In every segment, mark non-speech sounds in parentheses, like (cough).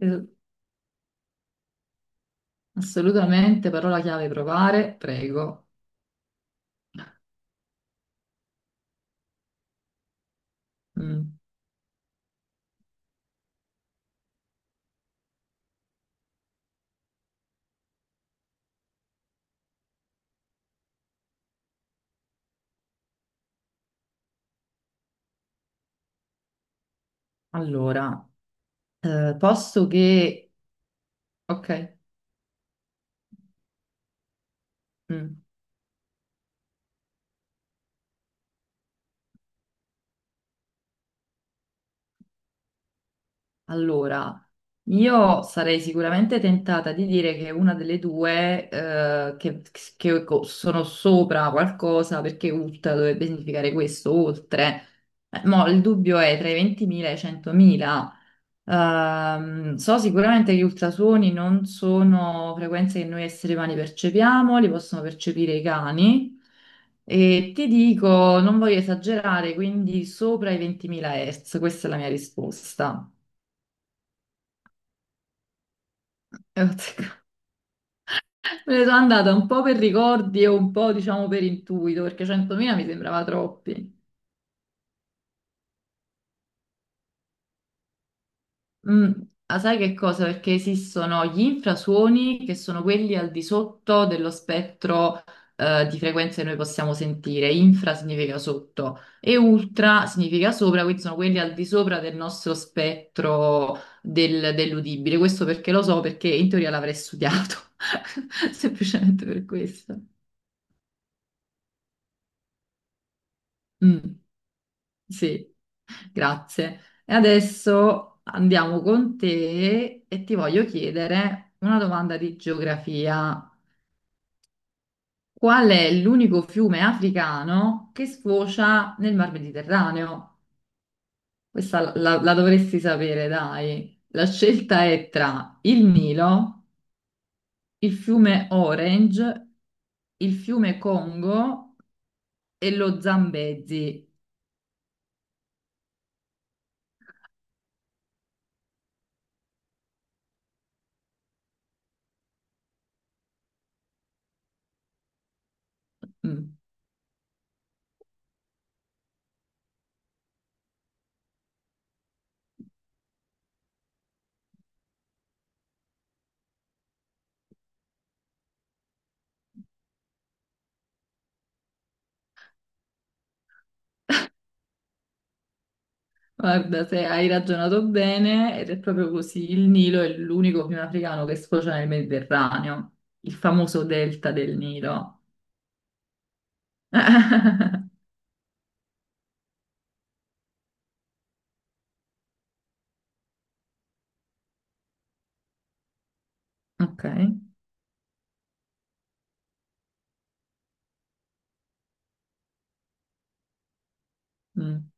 Eh, Assolutamente, parola chiave provare, prego. Mm. Allora, posso che... Ok. mm, Allora, io sarei sicuramente tentata di dire che una delle due, sono sopra qualcosa, perché ULT dovrebbe significare questo, oltre. Mo, il dubbio è tra i 20.000 e i 100.000. So sicuramente che gli ultrasuoni non sono frequenze che noi esseri umani percepiamo, li possono percepire i cani e ti dico, non voglio esagerare, quindi sopra i 20.000 Hz, questa è la mia risposta. E ho azzeccato. (laughs) Me ne sono andata un po' per ricordi e un po', diciamo, per intuito, perché 100.000 mi sembrava troppi. Mm. Ah, sai che cosa? Perché esistono gli infrasuoni che sono quelli al di sotto dello spettro di frequenze che noi possiamo sentire. Infra significa sotto e ultra significa sopra, quindi sono quelli al di sopra del nostro spettro dell'udibile. Questo perché lo so, perché in teoria l'avrei studiato, (laughs) semplicemente per questo. Mm. Sì, grazie. E adesso andiamo con te e ti voglio chiedere una domanda di geografia. Qual è l'unico fiume africano che sfocia nel Mar Mediterraneo? Questa la dovresti sapere, dai. La scelta è tra il Nilo, il fiume Orange, il fiume Congo e lo Zambezi. Mm. Guarda, se hai ragionato bene, ed è proprio così, il Nilo è l'unico fiume africano che sfocia nel Mediterraneo, il famoso delta del Nilo. (laughs) Ok. Mm.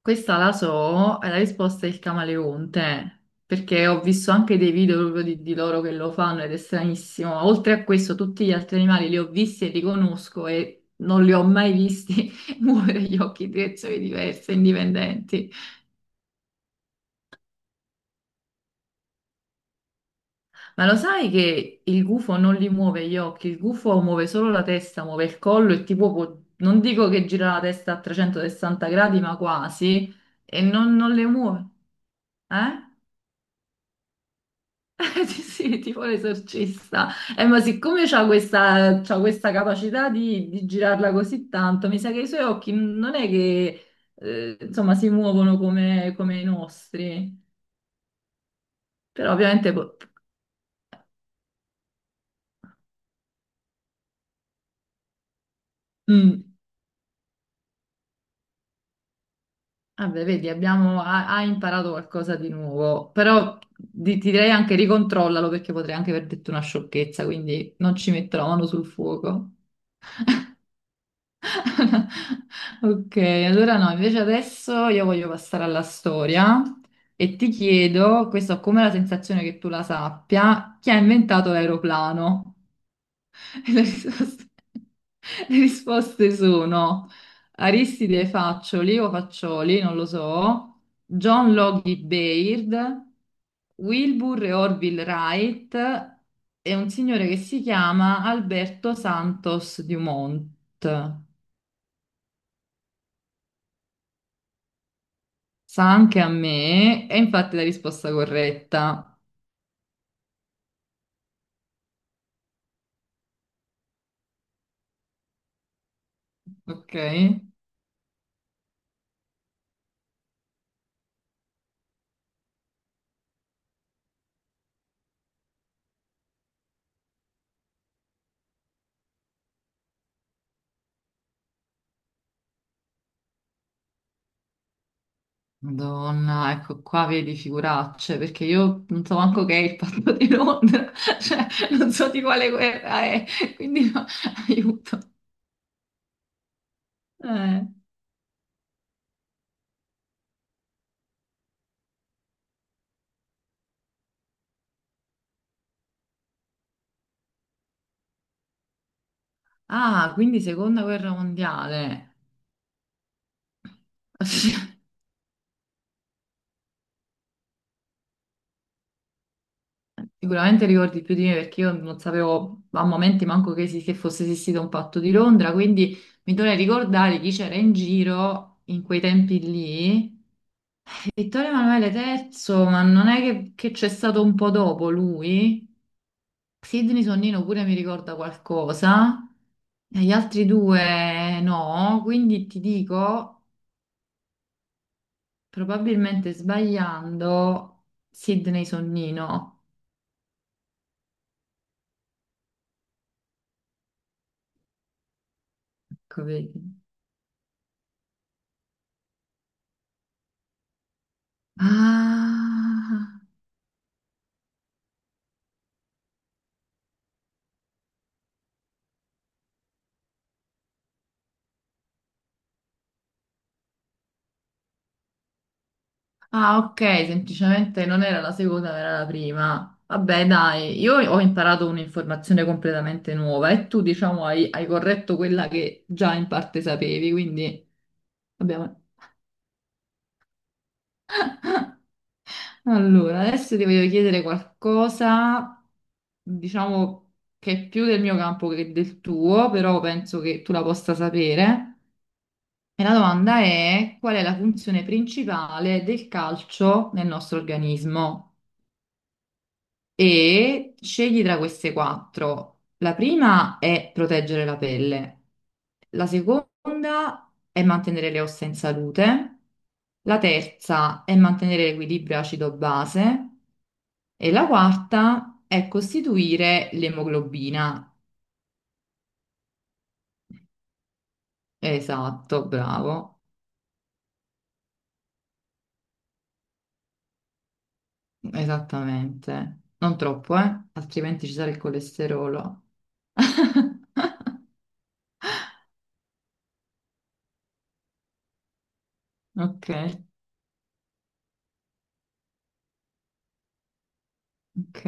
Questa la so, e la risposta è il camaleonte, perché ho visto anche dei video proprio di loro che lo fanno ed è stranissimo. Oltre a questo, tutti gli altri animali li ho visti e li conosco e non li ho mai visti (laughs) muovere gli occhi in direzioni diverse, indipendenti. Ma lo sai che il gufo non li muove gli occhi, il gufo muove solo la testa, muove il collo e tipo non dico che gira la testa a 360 gradi, ma quasi, e non le muove, eh? (laughs) Sì, sì, tipo l'esorcista. Ma siccome c'ha questa capacità di girarla così tanto, mi sa che i suoi occhi non è che, insomma, si muovono come i nostri. Però ovviamente... Mm. Vabbè, vedi, ha imparato qualcosa di nuovo, però ti direi anche ricontrollalo perché potrei anche aver detto una sciocchezza, quindi non ci metto la mano sul fuoco. (laughs) Ok, allora no, invece adesso io voglio passare alla storia e ti chiedo, questa ho come la sensazione che tu la sappia, chi ha inventato l'aeroplano? (laughs) E le risposte sono Aristide Faccioli o Faccioli, non lo so, John Logie Baird, Wilbur e Orville Wright e un signore che si chiama Alberto Santos Dumont. Sa anche a me, è infatti la risposta corretta. Ok. Madonna, ecco qua vedi figuracce, perché io non so manco che è il patto di Londra, (laughs) cioè non so di quale guerra è, quindi no, (laughs) aiuto. Eh. Ah, quindi seconda guerra mondiale. (laughs) Sicuramente ricordi più di me perché io non sapevo a momenti manco che fosse esistito un patto di Londra, quindi mi dovrei ricordare chi c'era in giro in quei tempi lì. Vittorio Emanuele III, ma non è che c'è stato un po' dopo lui? Sidney Sonnino pure mi ricorda qualcosa, e gli altri due no, quindi ti dico, probabilmente sbagliando, Sidney Sonnino. Ecco, vedi. Ah, ah, ok, semplicemente non era la seconda, era la prima. Vabbè, dai, io ho imparato un'informazione completamente nuova e tu, diciamo, hai corretto quella che già in parte sapevi, quindi abbiamo... Allora, adesso ti voglio chiedere qualcosa, diciamo che è più del mio campo che del tuo, però penso che tu la possa sapere. E la domanda è: qual è la funzione principale del calcio nel nostro organismo? E scegli tra queste quattro. La prima è proteggere la pelle, la seconda è mantenere le ossa in salute, la terza è mantenere l'equilibrio acido-base e la quarta è costituire l'emoglobina. Esatto, bravo, esattamente. Non troppo, eh? Altrimenti ci sarà il colesterolo. (laughs) Ok, ok.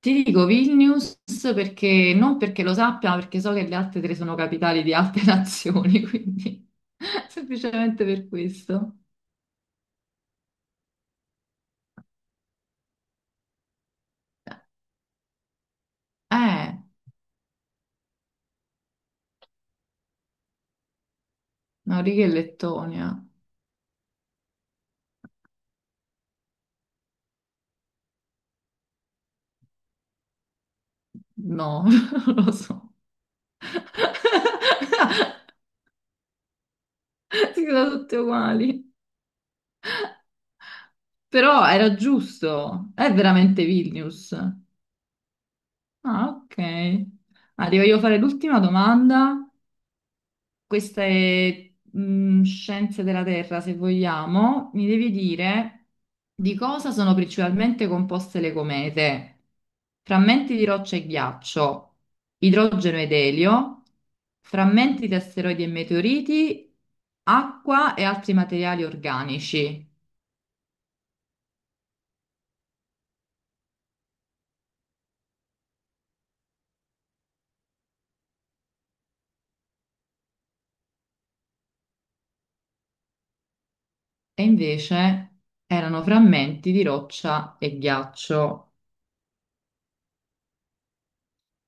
Ti dico Vilnius perché non perché lo sappia, ma perché so che le altre tre sono capitali di altre (laughs) nazioni, quindi (laughs) semplicemente per questo. Eh, Noriega e Lettonia. No, (laughs) non lo so. Si sono tutte uguali. Però era giusto. È veramente Vilnius. Ah, ok. Arrivo io a fare l'ultima domanda. Queste scienze della Terra, se vogliamo, mi devi dire di cosa sono principalmente composte le comete. Frammenti di roccia e ghiaccio, idrogeno ed elio, frammenti di asteroidi e meteoriti, acqua e altri materiali organici. E invece erano frammenti di roccia e ghiaccio.